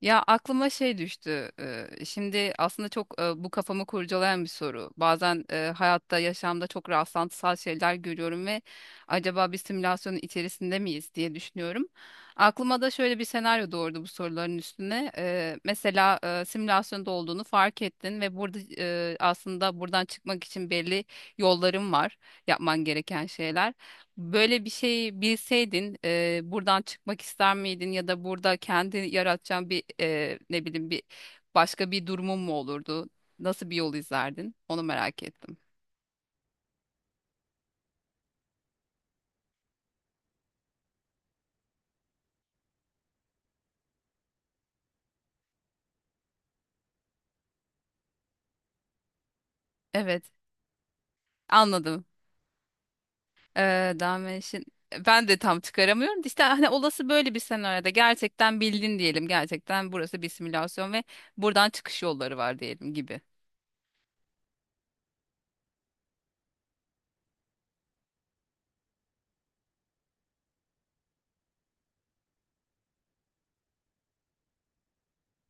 Ya aklıma şey düştü. Şimdi aslında çok bu kafamı kurcalayan bir soru. Bazen hayatta, yaşamda çok rastlantısal şeyler görüyorum ve acaba bir simülasyonun içerisinde miyiz diye düşünüyorum. Aklıma da şöyle bir senaryo doğurdu bu soruların üstüne. Mesela simülasyonda olduğunu fark ettin ve burada aslında buradan çıkmak için belli yolların var, yapman gereken şeyler. Böyle bir şey bilseydin buradan çıkmak ister miydin ya da burada kendi yaratacağın bir ne bileyim bir başka bir durumun mu olurdu? Nasıl bir yol izlerdin? Onu merak ettim. Evet, anladım. Ee, Dalmatian- ben de tam çıkaramıyorum. İşte hani olası böyle bir senaryoda gerçekten bildin diyelim. Gerçekten burası bir simülasyon ve buradan çıkış yolları var diyelim gibi.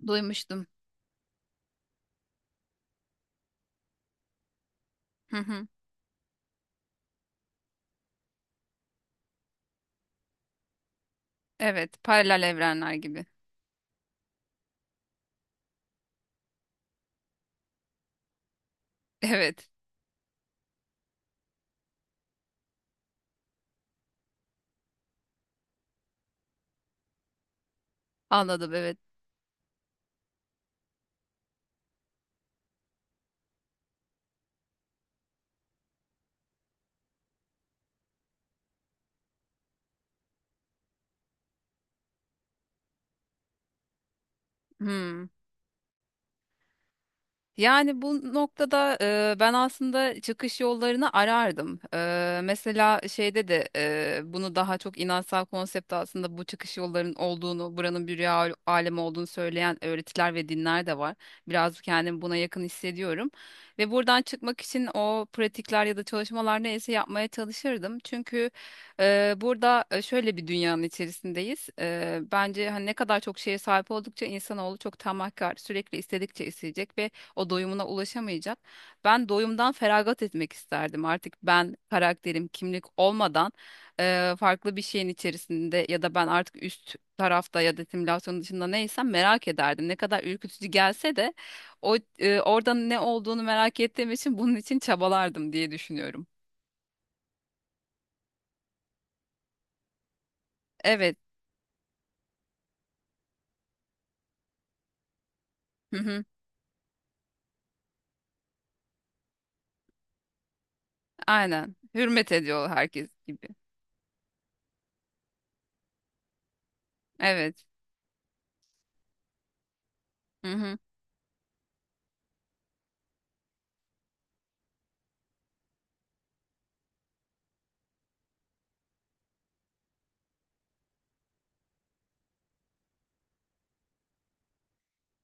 Duymuştum. Hı hı. Evet, paralel evrenler gibi. Evet, anladım evet. Hmm. Yani bu noktada ben aslında çıkış yollarını arardım. Mesela şeyde de bunu daha çok inansal konsepte aslında bu çıkış yollarının olduğunu, buranın bir rüya alemi olduğunu söyleyen öğretiler ve dinler de var. Biraz kendimi buna yakın hissediyorum. Ve buradan çıkmak için o pratikler ya da çalışmalar neyse yapmaya çalışırdım. Çünkü burada şöyle bir dünyanın içerisindeyiz. Bence hani ne kadar çok şeye sahip oldukça insanoğlu çok tamahkar, sürekli istedikçe isteyecek ve o doyumuna ulaşamayacak. Ben doyumdan feragat etmek isterdim. Artık ben karakterim, kimlik olmadan farklı bir şeyin içerisinde ya da ben artık üst tarafta ya da simülasyon dışında neysem merak ederdim. Ne kadar ürkütücü gelse de o orada ne olduğunu merak ettiğim için bunun için çabalardım diye düşünüyorum. Evet. Hı hı. Aynen. Hürmet ediyor herkes gibi. Evet. Hı hı.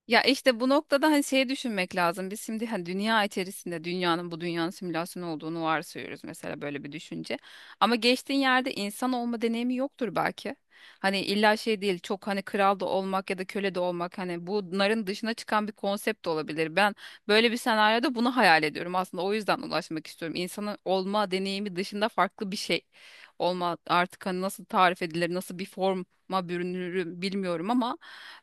Ya işte bu noktada hani şey düşünmek lazım. Biz şimdi hani dünya içerisinde dünyanın bu dünyanın simülasyon olduğunu varsayıyoruz mesela böyle bir düşünce. Ama geçtiğin yerde insan olma deneyimi yoktur belki. Hani illa şey değil çok hani kral da olmak ya da köle de olmak hani bunların dışına çıkan bir konsept de olabilir. Ben böyle bir senaryoda bunu hayal ediyorum aslında o yüzden ulaşmak istiyorum. İnsanın olma deneyimi dışında farklı bir şey olma artık hani nasıl tarif edilir nasıl bir forma bürünür bilmiyorum ama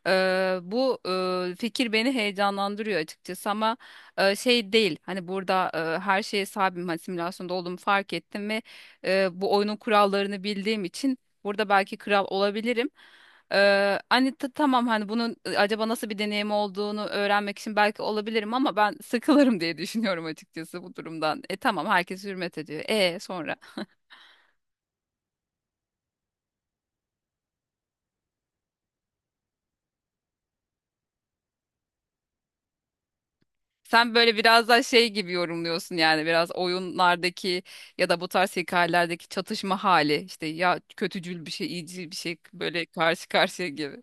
Bu fikir beni heyecanlandırıyor açıkçası ama şey değil hani burada her şeye sahibim. Hani simülasyonda olduğumu fark ettim ve bu oyunun kurallarını bildiğim için burada belki kral olabilirim. Hani tamam hani bunun acaba nasıl bir deneyim olduğunu öğrenmek için belki olabilirim ama ben sıkılırım diye düşünüyorum açıkçası bu durumdan. E tamam herkes hürmet ediyor. E sonra. Sen böyle biraz daha şey gibi yorumluyorsun yani biraz oyunlardaki ya da bu tarz hikayelerdeki çatışma hali işte ya kötücül bir şey iyicil bir şey böyle karşı karşıya gibi.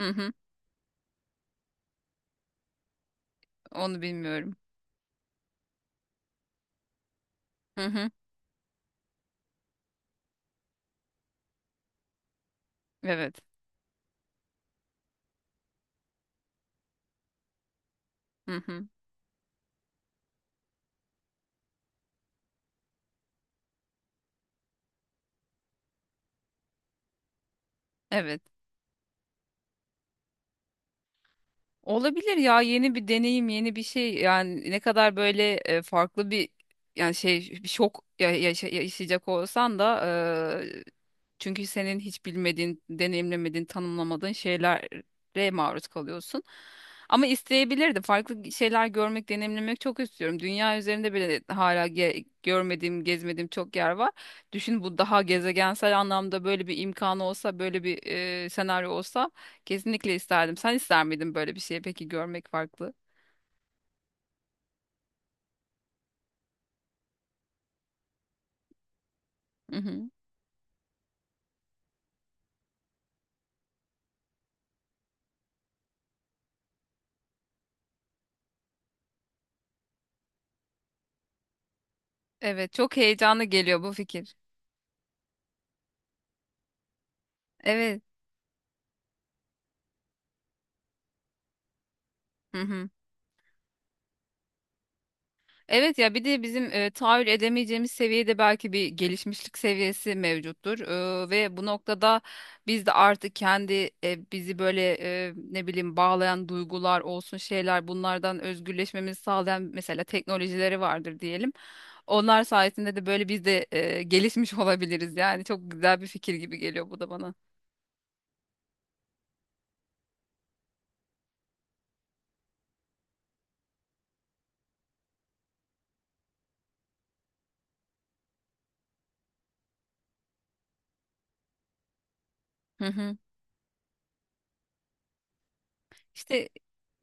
Hı hı, onu bilmiyorum. Hı hı, evet. Hı hı, evet. Olabilir ya yeni bir deneyim yeni bir şey yani ne kadar böyle farklı bir yani şey bir şok yaşayacak olsan da e, çünkü senin hiç bilmediğin deneyimlemediğin tanımlamadığın şeylere maruz kalıyorsun. Ama isteyebilirdim farklı şeyler görmek deneyimlemek çok istiyorum. Dünya üzerinde bile hala görmediğim gezmediğim çok yer var. Düşün bu daha gezegensel anlamda böyle bir imkanı olsa böyle bir senaryo olsa. Kesinlikle isterdim. Sen ister miydin böyle bir şeyi peki görmek farklı? Hı hı. Evet, çok heyecanlı geliyor bu fikir. Evet. Hı hı. Evet ya bir de bizim tahayyül edemeyeceğimiz seviyede belki bir gelişmişlik seviyesi mevcuttur. Ve bu noktada biz de artık kendi bizi böyle ne bileyim bağlayan duygular olsun şeyler bunlardan özgürleşmemizi sağlayan mesela teknolojileri vardır diyelim. Onlar sayesinde de böyle biz de gelişmiş olabiliriz. Yani çok güzel bir fikir gibi geliyor bu da bana. Hı hı. İşte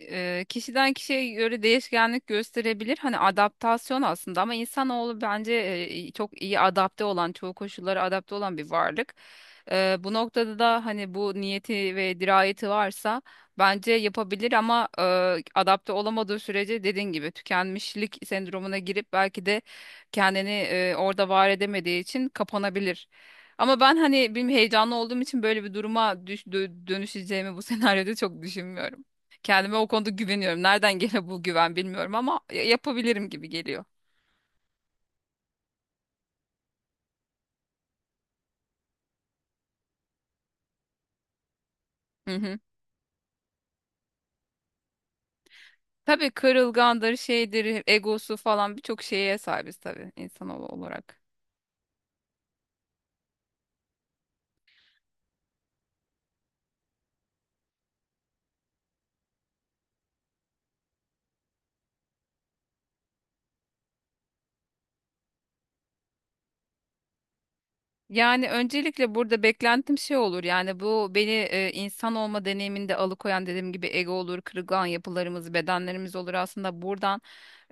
kişiden kişiye göre değişkenlik gösterebilir. Hani adaptasyon aslında ama insanoğlu bence çok iyi adapte olan, çoğu koşullara adapte olan bir varlık. Bu noktada da hani bu niyeti ve dirayeti varsa bence yapabilir ama adapte olamadığı sürece dediğin gibi tükenmişlik sendromuna girip belki de kendini orada var edemediği için kapanabilir. Ama ben hani benim heyecanlı olduğum için böyle bir duruma dönüşeceğimi bu senaryoda çok düşünmüyorum. Kendime o konuda güveniyorum. Nereden gene bu güven bilmiyorum ama yapabilirim gibi geliyor. Hı hı. Tabii kırılgandır, şeydir, egosu falan birçok şeye sahibiz tabii insan olarak. Yani öncelikle burada beklentim şey olur. Yani bu beni insan olma deneyiminde alıkoyan dediğim gibi ego olur, kırılgan yapılarımız, bedenlerimiz olur. Aslında buradan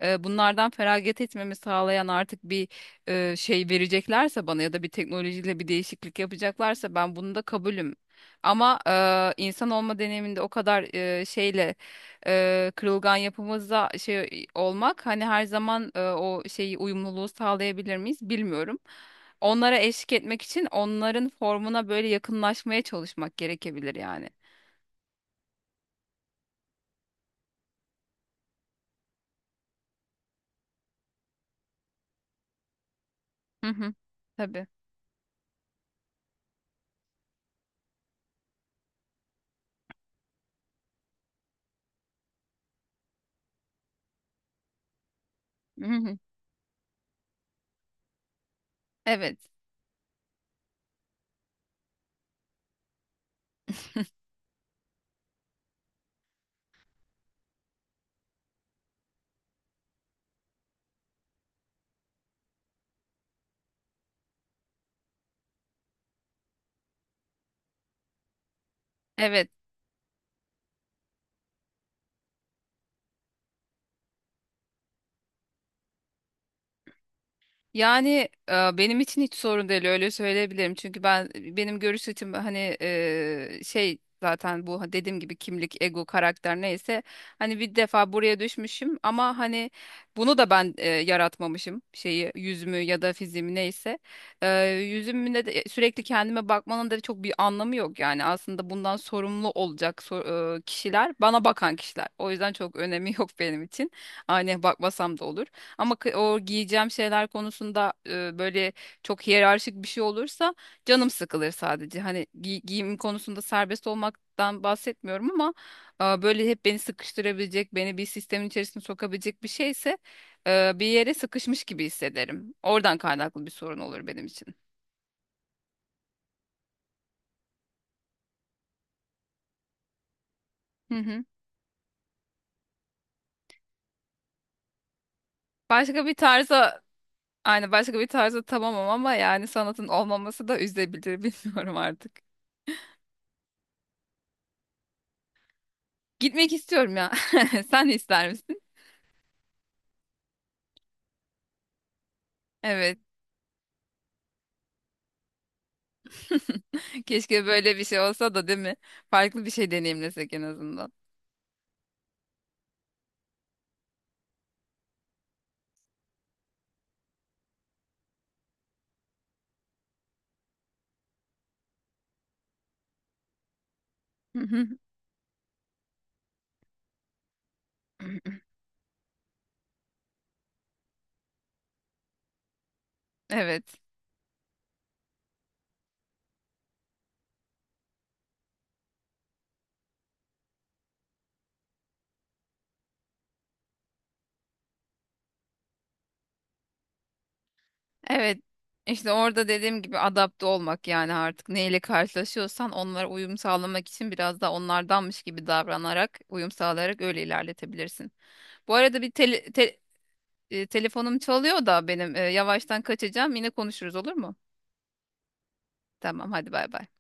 bunlardan feragat etmemi sağlayan artık bir şey vereceklerse bana ya da bir teknolojiyle bir değişiklik yapacaklarsa ben bunu da kabulüm. Ama insan olma deneyiminde o kadar şeyle kırılgan yapımızda şey olmak hani her zaman o şeyi uyumluluğu sağlayabilir miyiz bilmiyorum. Onlara eşlik etmek için onların formuna böyle yakınlaşmaya çalışmak gerekebilir yani. Hı hı. Tabii. Hı hı. Evet. Evet. Yani benim için hiç sorun değil öyle söyleyebilirim. Çünkü benim görüş açım hani şey zaten bu hani, dediğim gibi kimlik, ego, karakter neyse hani bir defa buraya düşmüşüm ama hani bunu da ben yaratmamışım şeyi yüzümü ya da fiziğimi neyse. Yüzümde de sürekli kendime bakmanın da çok bir anlamı yok yani aslında bundan sorumlu olacak kişiler bana bakan kişiler. O yüzden çok önemi yok benim için. Aynaya bakmasam da olur. Ama o giyeceğim şeyler konusunda böyle çok hiyerarşik bir şey olursa canım sıkılır sadece. Hani giyim konusunda serbest olmaktan bahsetmiyorum ama böyle hep beni sıkıştırabilecek, beni bir sistemin içerisine sokabilecek bir şeyse bir yere sıkışmış gibi hissederim. Oradan kaynaklı bir sorun olur benim için. Hı hı. Başka bir tarza, aynı başka bir tarza tamamım ama yani sanatın olmaması da üzebilir bilmiyorum artık. Gitmek istiyorum ya. Sen ister misin? Evet. Keşke böyle bir şey olsa da değil mi? Farklı bir şey deneyimlesek en azından. Hı hı. Evet. Evet. İşte orada dediğim gibi adapte olmak yani artık neyle karşılaşıyorsan onlara uyum sağlamak için biraz da onlardanmış gibi davranarak, uyum sağlayarak öyle ilerletebilirsin. Bu arada bir telefonum çalıyor da benim yavaştan kaçacağım. Yine konuşuruz olur mu? Tamam hadi bay bay.